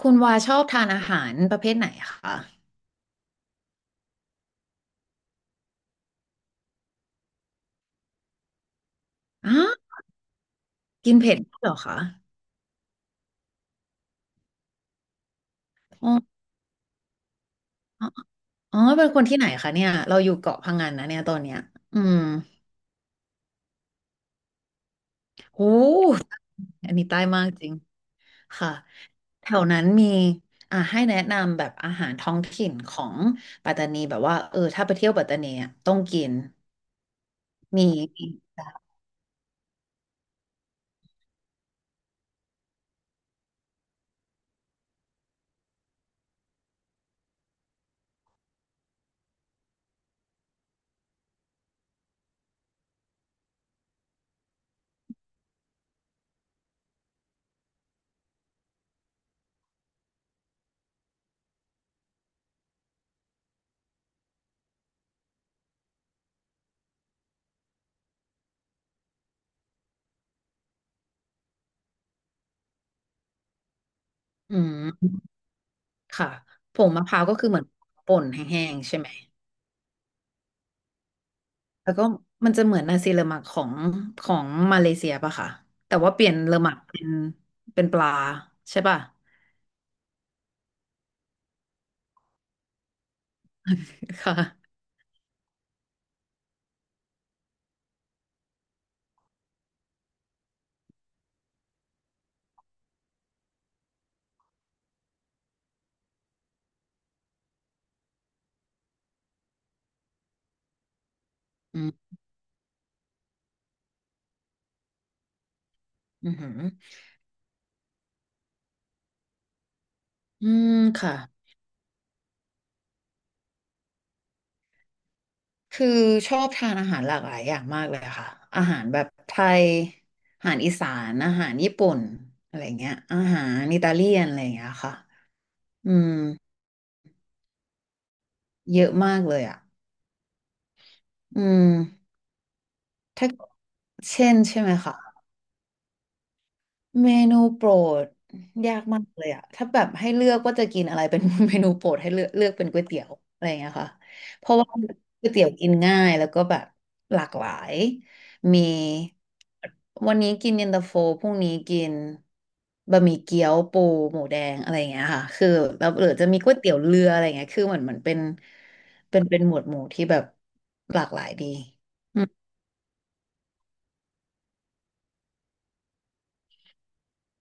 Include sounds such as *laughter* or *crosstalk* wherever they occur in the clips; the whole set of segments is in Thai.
คุณวาชอบทานอาหารประเภทไหนคะอ๋อกินเผ็ดด้วยเหรอคะอ๋ออ๋ออ๋อ เป็นคนที่ไหนคะเนี่ยเราอยู่เกาะพังงานนะเนี่ยตอนเนี้ยอืมโหอันนี้ใต้มากจริง ค่ะ แถวนั้นมีให้แนะนำแบบอาหารท้องถิ่นของปัตตานีแบบว่า ถ้าไปเที่ยวปัตตานีอะต้องกิน มี อืมค่ะผงมะพร้าวก็คือเหมือนป่นแห้งๆใช่ไหม แล้วก็มันจะเหมือนนาซีเลอมักของของมาเลเซียป่ะค่ะแต่ว่าเปลี่ยนเลอมักเป็นเป็นปลาใช่ป่ะ *laughs* ค่ะอืมอือหืออืมค่ะคือชอบทานอาหารหลากหลายอย่างมากเลยค่ะอาหารแบบไทยอาหารอีสานอาหารญี่ปุ่นอะไรเงี้ยอาหารอิตาเลียนอะไรเงี้ยค่ะอืมเยอะมากเลยอ่ะอืมถ้าเช่นใช่ไหมคะ เมนูโปรดยากมากเลยอะถ้าแบบให้เลือกว่าจะกินอะไรเป็น *laughs* เมนูโปรดให้เลือกเป็นก๋วยเตี๋ยวอะไรอย่างเงี้ยค่ะ เพราะว่าก๋วยเตี๋ยวกินง่ายแล้วก็แบบหลากหลาย มีวันนี้กินเย็นตาโฟพรุ่งนี้กินบะหมี่เกี๊ยวปูหมูแดงอะไรอย่างเงี้ยค่ะคือแล้วหรือจะมีก๋วยเตี๋ยวเรืออะไรอย่างเงี้ยคือเหมือนเป็นเป็นหมวดหมู่ที่แบบหลากหลายดี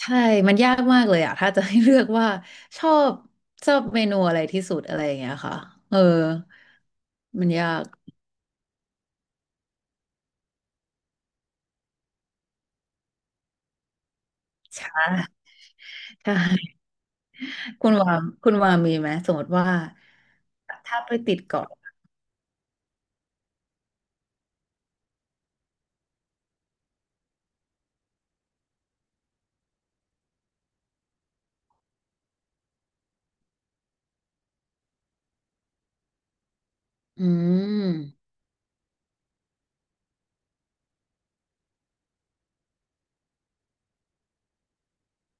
ใช่ มันยากมากเลยอะถ้าจะให้เลือกว่าชอบชอบเมนูอะไรที่สุดอะไรอย่างเงี้ยค่ะ เออ มันยากอ่ะใช่คุณวามีไหม สมมติว่าถ้าไปติดเกาะอืม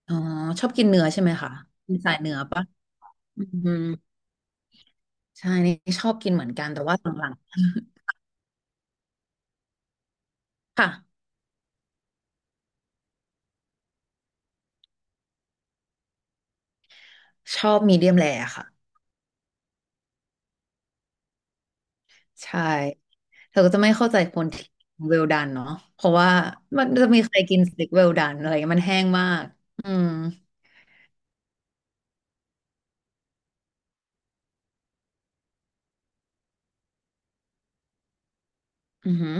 อ๋อ ชอบกินเนื้อใช่ไหมคะเป็นสายเนื้อปะอืมใช่นี่ชอบกินเหมือนกัน แต่ว่าหลังๆค่ะ ชอบมีเดียมแรร์ค่ะ ใช่เธอก็จะไม่เข้าใจคนที่เวลดันเนาะเพราะว่ามันจะมีใครกินสเต็กเวลดันอะไรเงี้ยมันแห้งมากอืมอือหือ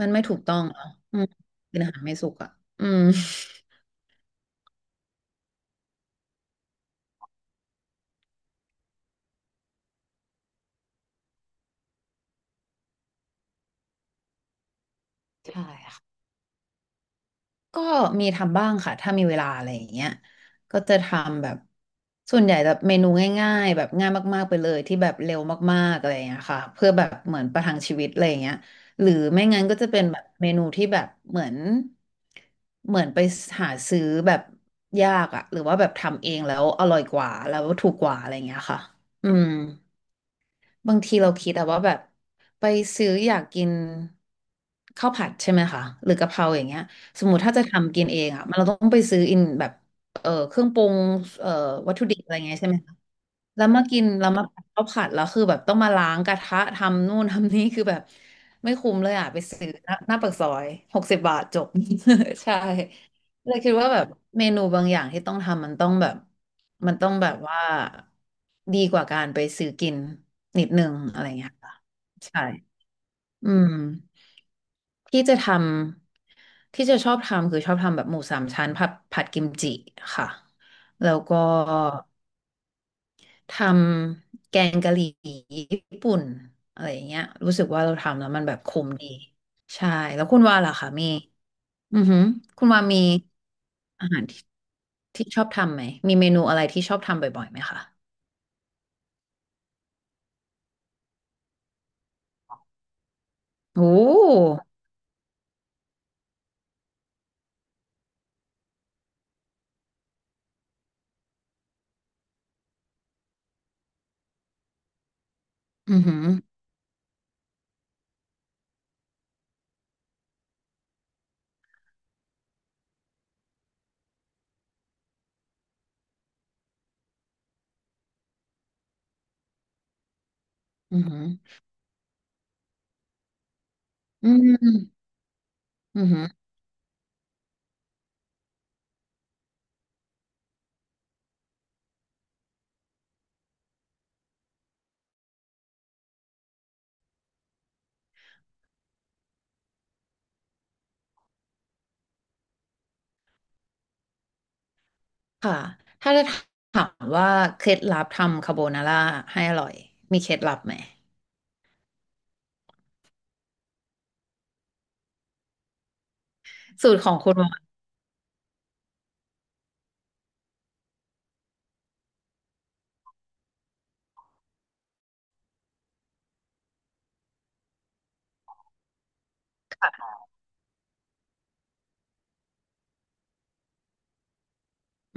มันไม่ถูกต้องเนาะอืมกินอาหารไม่สุกอ่ะอืมใช่ค่ะ ก็มีทำบ้างค่ะถ้ามีเวลาอะไรอย่างเงี้ยก็จะทำแบบส่วนใหญ่แบบเมนูง่ายๆแบบง่ายมากๆไปเลยที่แบบเร็วมากๆอะไรอย่างเงี้ยค่ะเพื่อแบบเหมือนประทังชีวิตอะไรอย่างเงี้ยหรือไม่งั้นก็จะเป็นแบบเมนูที่แบบเหมือนไปหาซื้อแบบยากอะหรือว่าแบบทำเองแล้วอร่อยกว่าแล้วถูกกว่าอะไรอย่างเงี้ยค่ะอืม บางทีเราคิดอะว่าแบบไปซื้ออยากกินข้าวผัดใช่ไหมคะหรือกะเพราอย่างเงี้ยสมมติถ้าจะทำกินเองอะมันเราต้องไปซื้ออินแบบเครื่องปรุงเอ่อวัตถุดิบอะไรเงี้ยใช่ไหมคะแล้วมากินแล้วมาผัดข้าวผัดแล้วคือแบบต้องมาล้างกระทะทำนู่นทำนี่คือแบบไม่คุ้มเลยอะไปซื้อหน้าปากซอย60 บาทจบ *laughs* ใช่ เลยคิดว่าแบบเมนูบางอย่างที่ต้องทำมันต้องแบบมันต้องแบบว่าดีกว่าการไปซื้อกินนิดนึงอะไรเงี้ยค่ะใช่อืมที่จะทำที่จะชอบทำคือชอบทำแบบหมูสามชั้นผัดกิมจิค่ะแล้วก็ทำแกงกะหรี่ญี่ปุ่นอะไรอย่างเงี้ยรู้สึกว่าเราทำแล้วมันแบบคุ้มดีใช่แล้วคุณว่าล่ะคะมีอือหือคุณว่ามีอาหารที่ ที่ชอบทำไหมมีเมนูอะไรที่ชอบทำบ่อยๆไหมคะโอ้อือหืออือหืออืมอือหือค่ะถ้าจะถามว่าเคล็ดลับทำคาโบนาร่าให้อร่อยมีเคล็ดลับไหมสูตรของคุณหมอ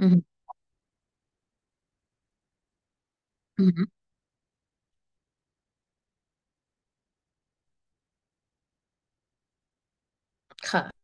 อืมอืมค่ะ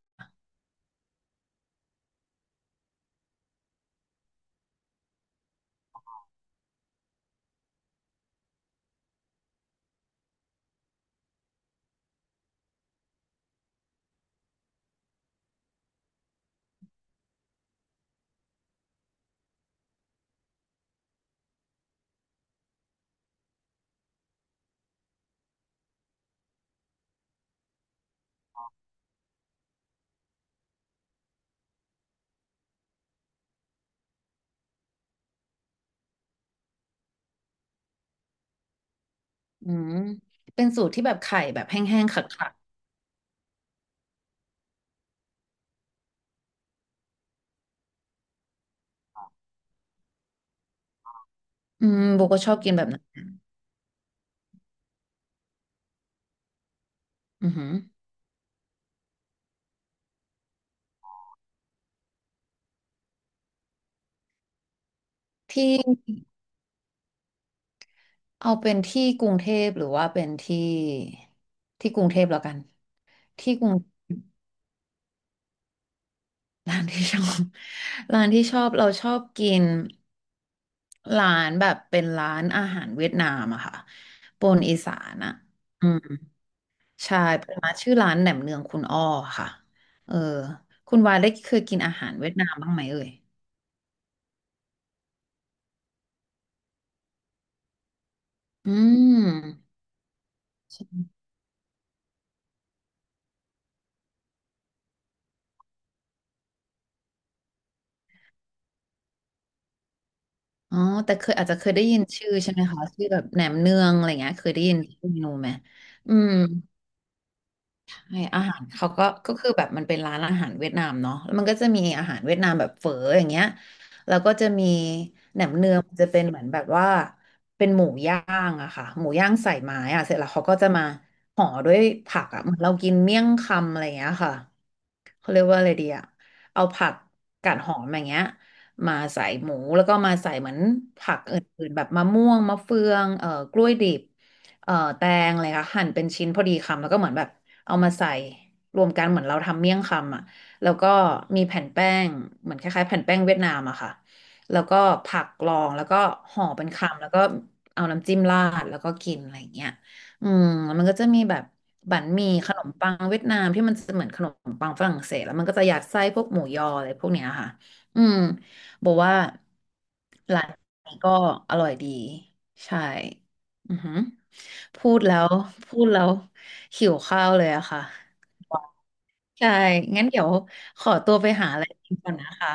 อืมเป็นสูตรที่แบบไข่แบบแห้งๆขัดๆอืมโบก็ชอบกินแบบนั้นอือหือที่เอาเป็นที่กรุงเทพหรือว่าเป็นที่ที่กรุงเทพแล้วกันที่กรุง ร้านที่ชอบ *laughs* ร้านที่ชอบเราชอบกินร้านแบบเป็นร้านอาหารเวียดนามอะค่ะปนอีสานอะอืมใช่เป็นร้านชื่อร้านแหนมเนืองคุณอ้อค่ะเออคุณวายได้เคยกินอาหารเวียดนามบ้างไหมเอ่ยอืมใช่อ๋อแต่เคยอาจจะเคยได้ยินชื่อใช่ไหมคะชื่อแบบแหนมเนืองอะไรเงี้ยเคยได้ยินชื่อเมนูไหมอืม ใช่อาหารเขาก็ก็คือแบบมันเป็นร้านอาหารเวียดนามเนาะแล้วมันก็จะมีอาหารเวียดนามแบบเฝออย่างเงี้ยแล้วก็จะมีแหนมเนืองมันจะเป็นเหมือนแบบว่าเป็นหมูย่างอะค่ะหมูย่างใส่ไม้อะเสร็จแล้วเขาก็จะมาห่อด้วยผักอะเหมือนเรากินเมี่ยงคำอะไรอย่างเงี้ยค่ะเขาเรียกว่าอะไรดีอะเอาผักกาดหอมอย่างเงี้ยมาใส่หมูแล้วก็มาใส่เหมือนผักอื่นๆแบบมะม่วงมะเฟืองกล้วยดิบแตงอะไรค่ะหั่นเป็นชิ้นพอดีคำแล้วก็เหมือนแบบ เอามาใส่รวมกันเหมือนเราทำเมี่ยงคำอ่ะแล้วก็มีแผ่นแป้งเหมือนคล้ายๆแผ่นแป้งเวียดนามอะค่ะแล้วก็ผักกรองแล้วก็ห่อเป็นคำแล้วก็เอาน้ำจิ้มราดแล้วก็กินอะไรอย่างเงี้ยอืมแล้วมันก็จะมีแบบบั๋นหมี่ขนมปังเวียดนามที่มันจะเหมือนขนมปังฝรั่งเศสแล้วมันก็จะยัดไส้พวกหมูยออะไรพวกเนี้ยค่ะอืมบอกว่าร้านนี้ก็อร่อยดีใช่ อือหือพูดแล้วพูดแล้วหิวข้าวเลยอะค่ะใช่งั้นเดี๋ยวขอตัวไปหาอะไรกินก่อนนะคะ